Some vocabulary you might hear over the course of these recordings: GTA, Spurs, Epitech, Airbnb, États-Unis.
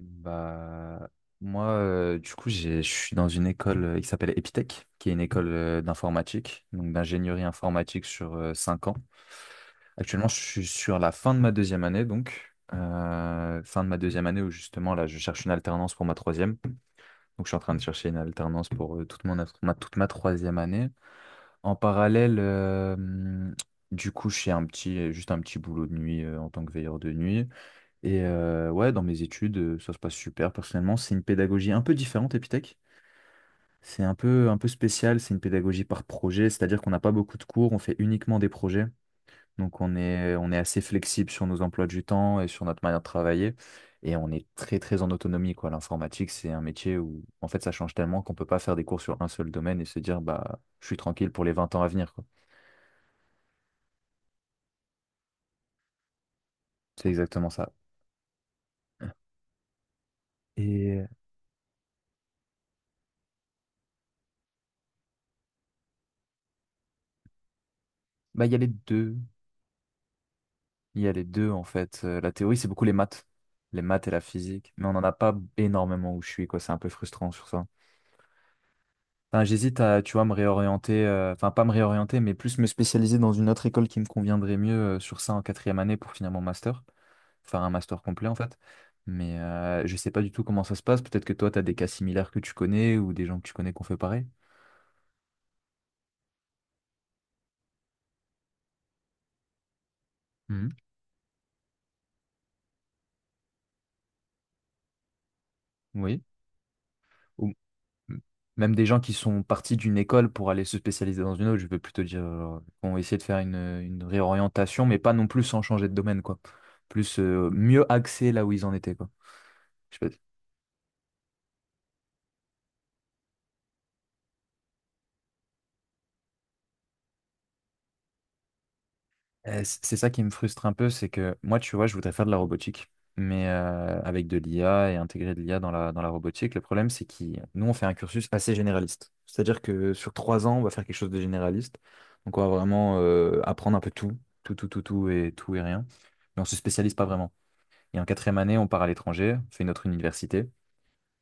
Bah, moi, du coup, je suis dans une école qui s'appelle Epitech, qui est une école d'informatique, donc d'ingénierie informatique sur 5 ans. Actuellement, je suis sur la fin de ma deuxième année, où justement là, je cherche une alternance pour ma troisième. Donc, je suis en train de chercher une alternance pour toute ma troisième année. En parallèle, du coup, je fais juste un petit boulot de nuit en tant que veilleur de nuit. Et ouais, dans mes études, ça se passe super. Personnellement, c'est une pédagogie un peu différente, Epitech. C'est un peu spécial, c'est une pédagogie par projet, c'est-à-dire qu'on n'a pas beaucoup de cours, on fait uniquement des projets. Donc on est assez flexible sur nos emplois du temps et sur notre manière de travailler. Et on est très, très en autonomie, quoi. L'informatique, c'est un métier où, en fait, ça change tellement qu'on peut pas faire des cours sur un seul domaine et se dire, bah, je suis tranquille pour les 20 ans à venir, quoi. C'est exactement ça. Et bah, il y a les deux. Il y a les deux, en fait. La théorie, c'est beaucoup les maths. Les maths et la physique. Mais on n'en a pas énormément où je suis, quoi. C'est un peu frustrant sur ça. Enfin, j'hésite à, tu vois, me réorienter, enfin, pas me réorienter, mais plus me spécialiser dans une autre école qui me conviendrait mieux sur ça en quatrième année pour finir mon master. Faire un master complet, en fait. Mais je sais pas du tout comment ça se passe. Peut-être que toi, tu as des cas similaires que tu connais ou des gens que tu connais qui ont fait pareil. Mhm. Oui. Même des gens qui sont partis d'une école pour aller se spécialiser dans une autre, je veux plutôt dire, genre, vont essayer de faire une réorientation, mais pas non plus sans changer de domaine, quoi. Plus mieux axer là où ils en étaient, quoi. Je sais pas. C'est ça qui me frustre un peu, c'est que moi, tu vois, je voudrais faire de la robotique, mais avec de l'IA et intégrer de l'IA dans la robotique. Le problème, c'est que nous, on fait un cursus assez généraliste. C'est-à-dire que sur 3 ans, on va faire quelque chose de généraliste. Donc, on va vraiment apprendre un peu tout, tout, tout, tout, tout et tout et rien. Mais on se spécialise pas vraiment. Et en quatrième année, on part à l'étranger, on fait une autre université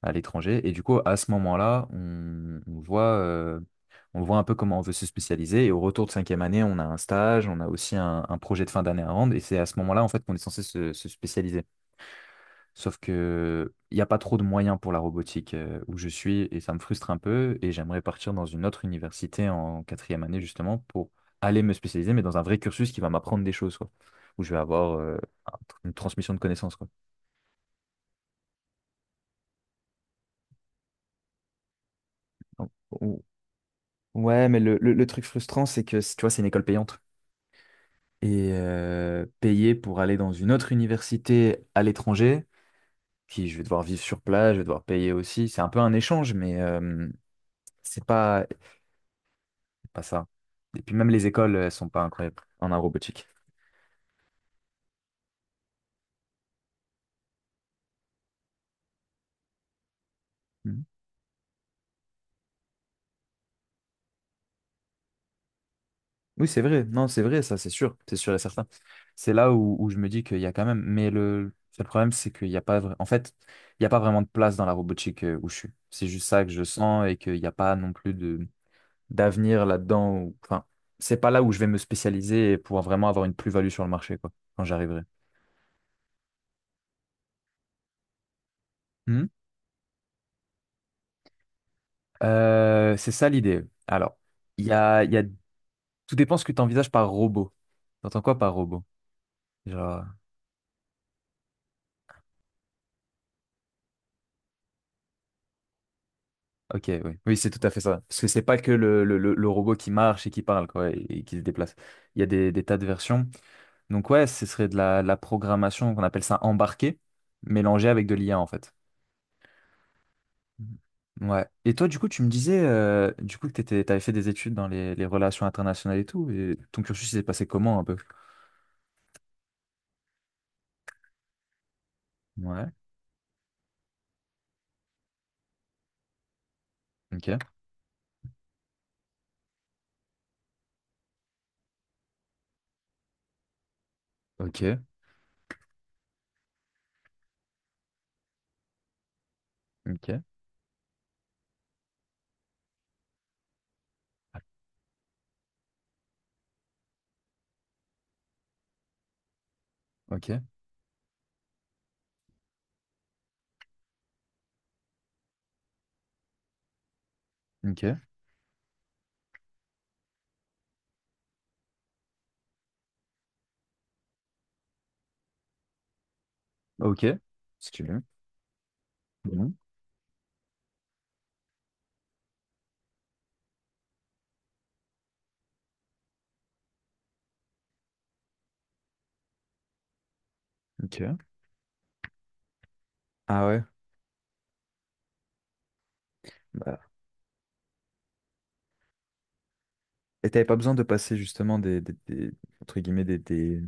à l'étranger. Et du coup, à ce moment-là, on voit un peu comment on veut se spécialiser. Et au retour de cinquième année, on a un stage, on a aussi un projet de fin d'année à rendre. Et c'est à ce moment-là, en fait, qu'on est censé se spécialiser. Sauf que il n'y a pas trop de moyens pour la robotique où je suis, et ça me frustre un peu. Et j'aimerais partir dans une autre université en quatrième année, justement, pour aller me spécialiser, mais dans un vrai cursus qui va m'apprendre des choses, quoi, où je vais avoir un- une transmission de connaissances, quoi. Donc, où- Ouais, mais le truc frustrant, c'est que, tu vois, c'est une école payante. Et payer pour aller dans une autre université à l'étranger, qui je vais devoir vivre sur place, je vais devoir payer aussi. C'est un peu un échange, mais c'est pas ça. Et puis même les écoles, elles sont pas incroyables en aérobotique. Mhm. Oui, c'est vrai. Non, c'est vrai, ça, c'est sûr. C'est sûr et certain. C'est là où je me dis qu'il y a quand même. Mais le seul problème, c'est qu'il n'y a pas. En fait, il n'y a pas vraiment de place dans la robotique où je suis. C'est juste ça que je sens et qu'il n'y a pas non plus de d'avenir là-dedans. Enfin, c'est pas là où je vais me spécialiser et pouvoir vraiment avoir une plus-value sur le marché, quoi, quand j'arriverai. Mhm. C'est ça l'idée. Alors, il y a, il y a- tout dépend ce que tu envisages par robot. T'entends quoi par robot? Genre, ok, oui, oui, c'est tout à fait ça. Parce que c'est pas que le robot qui marche et qui parle, quoi, et qui se déplace. Il y a des tas de versions. Donc, ouais, ce serait de la programmation qu'on appelle ça embarquée, mélangée avec de l'IA, en fait. Mhm. Ouais. Et toi, du coup, tu me disais que t'avais fait des études dans les relations internationales et tout, et ton cursus il s'est passé comment un peu? Ouais. Ok. Ok. Ok. Ok. Ok. Ok. Si tu veux. Mhm. Ok. Ah ouais. Bah, et t'avais pas besoin de passer justement entre guillemets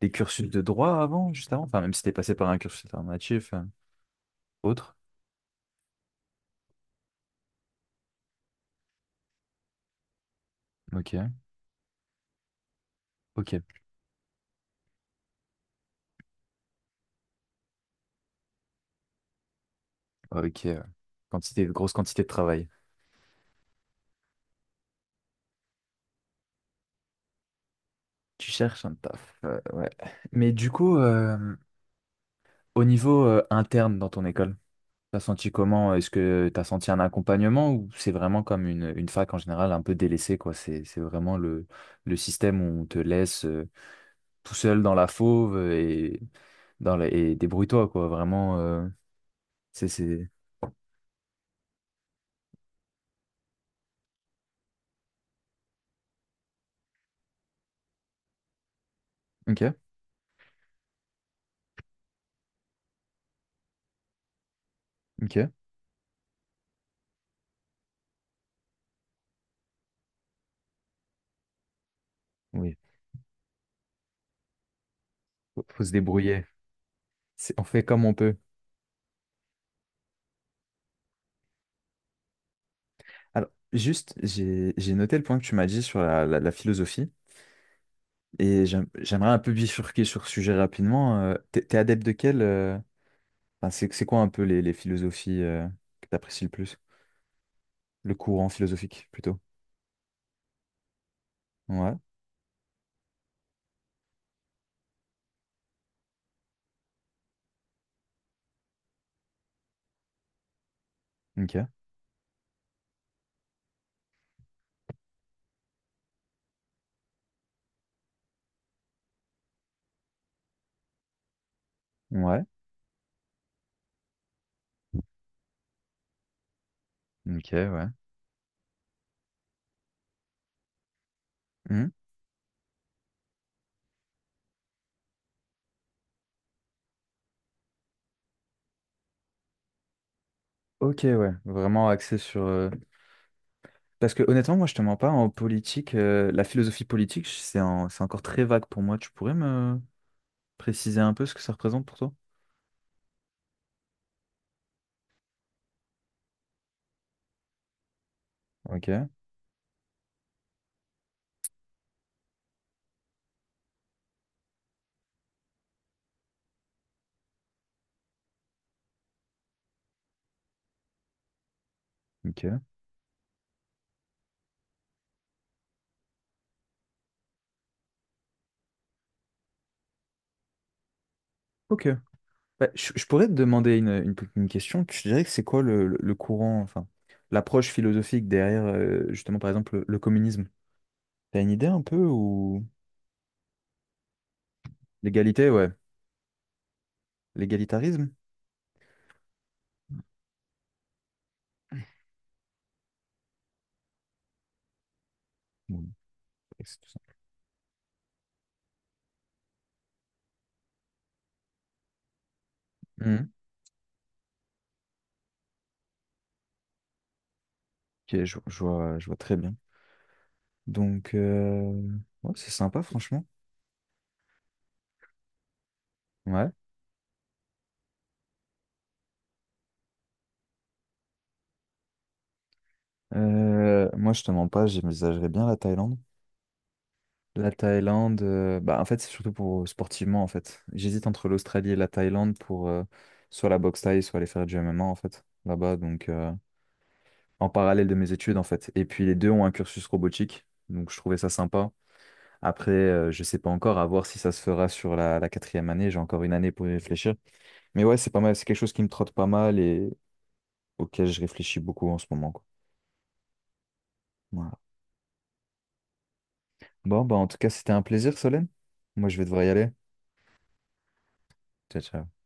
des cursus de droit avant, juste avant? Enfin, même si t'es passé par un cursus alternatif, autre. Ok. Ok. Ok. Grosse quantité de travail. Tu cherches un taf, ouais. Mais du coup, au niveau interne dans ton école, t'as senti comment? Est-ce que t'as senti un accompagnement ou c'est vraiment comme une fac en général un peu délaissée, quoi? C'est vraiment le système où on te laisse tout seul dans la fauve et, et débrouille-toi, quoi. Vraiment, c'est... c'est- ok, ok. Oui, faut se débrouiller. On fait comme on peut. Alors, juste, j'ai noté le point que tu m'as dit sur la philosophie. Et j'aimerais un peu bifurquer sur ce sujet rapidement. T'es t'es adepte de quel enfin, c'est quoi un peu les philosophies que t'apprécies le plus? Le courant philosophique, plutôt. Ouais, ok. Ouais, ok, ouais. Hmm. Ok, ouais. Vraiment axé sur... Parce que honnêtement, moi, je te mens pas, en politique, la philosophie politique, c'est encore très vague pour moi. Tu pourrais me préciser un peu ce que ça représente pour toi? Ok, ok. Ok. Bah, je pourrais te demander une question. Tu dirais que c'est quoi le courant, enfin, l'approche philosophique derrière, justement, par exemple, le communisme? T'as une idée un peu ou l'égalité, ouais, l'égalitarisme? Oui, c'est tout ça. Mhm. Ok, je vois très bien. Donc, ouais, c'est sympa, franchement. Ouais. Moi, je te mens pas, j'envisagerais bien la Thaïlande. La Thaïlande, bah en fait c'est surtout pour sportivement en fait. J'hésite entre l'Australie et la Thaïlande pour soit la boxe thaï, soit aller faire du MMA en fait là-bas. Donc en parallèle de mes études en fait. Et puis les deux ont un cursus robotique, donc je trouvais ça sympa. Après je sais pas encore à voir si ça se fera sur la quatrième année. J'ai encore une année pour y réfléchir. Mais ouais, c'est pas mal, c'est quelque chose qui me trotte pas mal et auquel je réfléchis beaucoup en ce moment, quoi. Voilà. Bon, bah, en tout cas, c'était un plaisir, Solène. Moi, je vais devoir y aller. Ciao, ciao.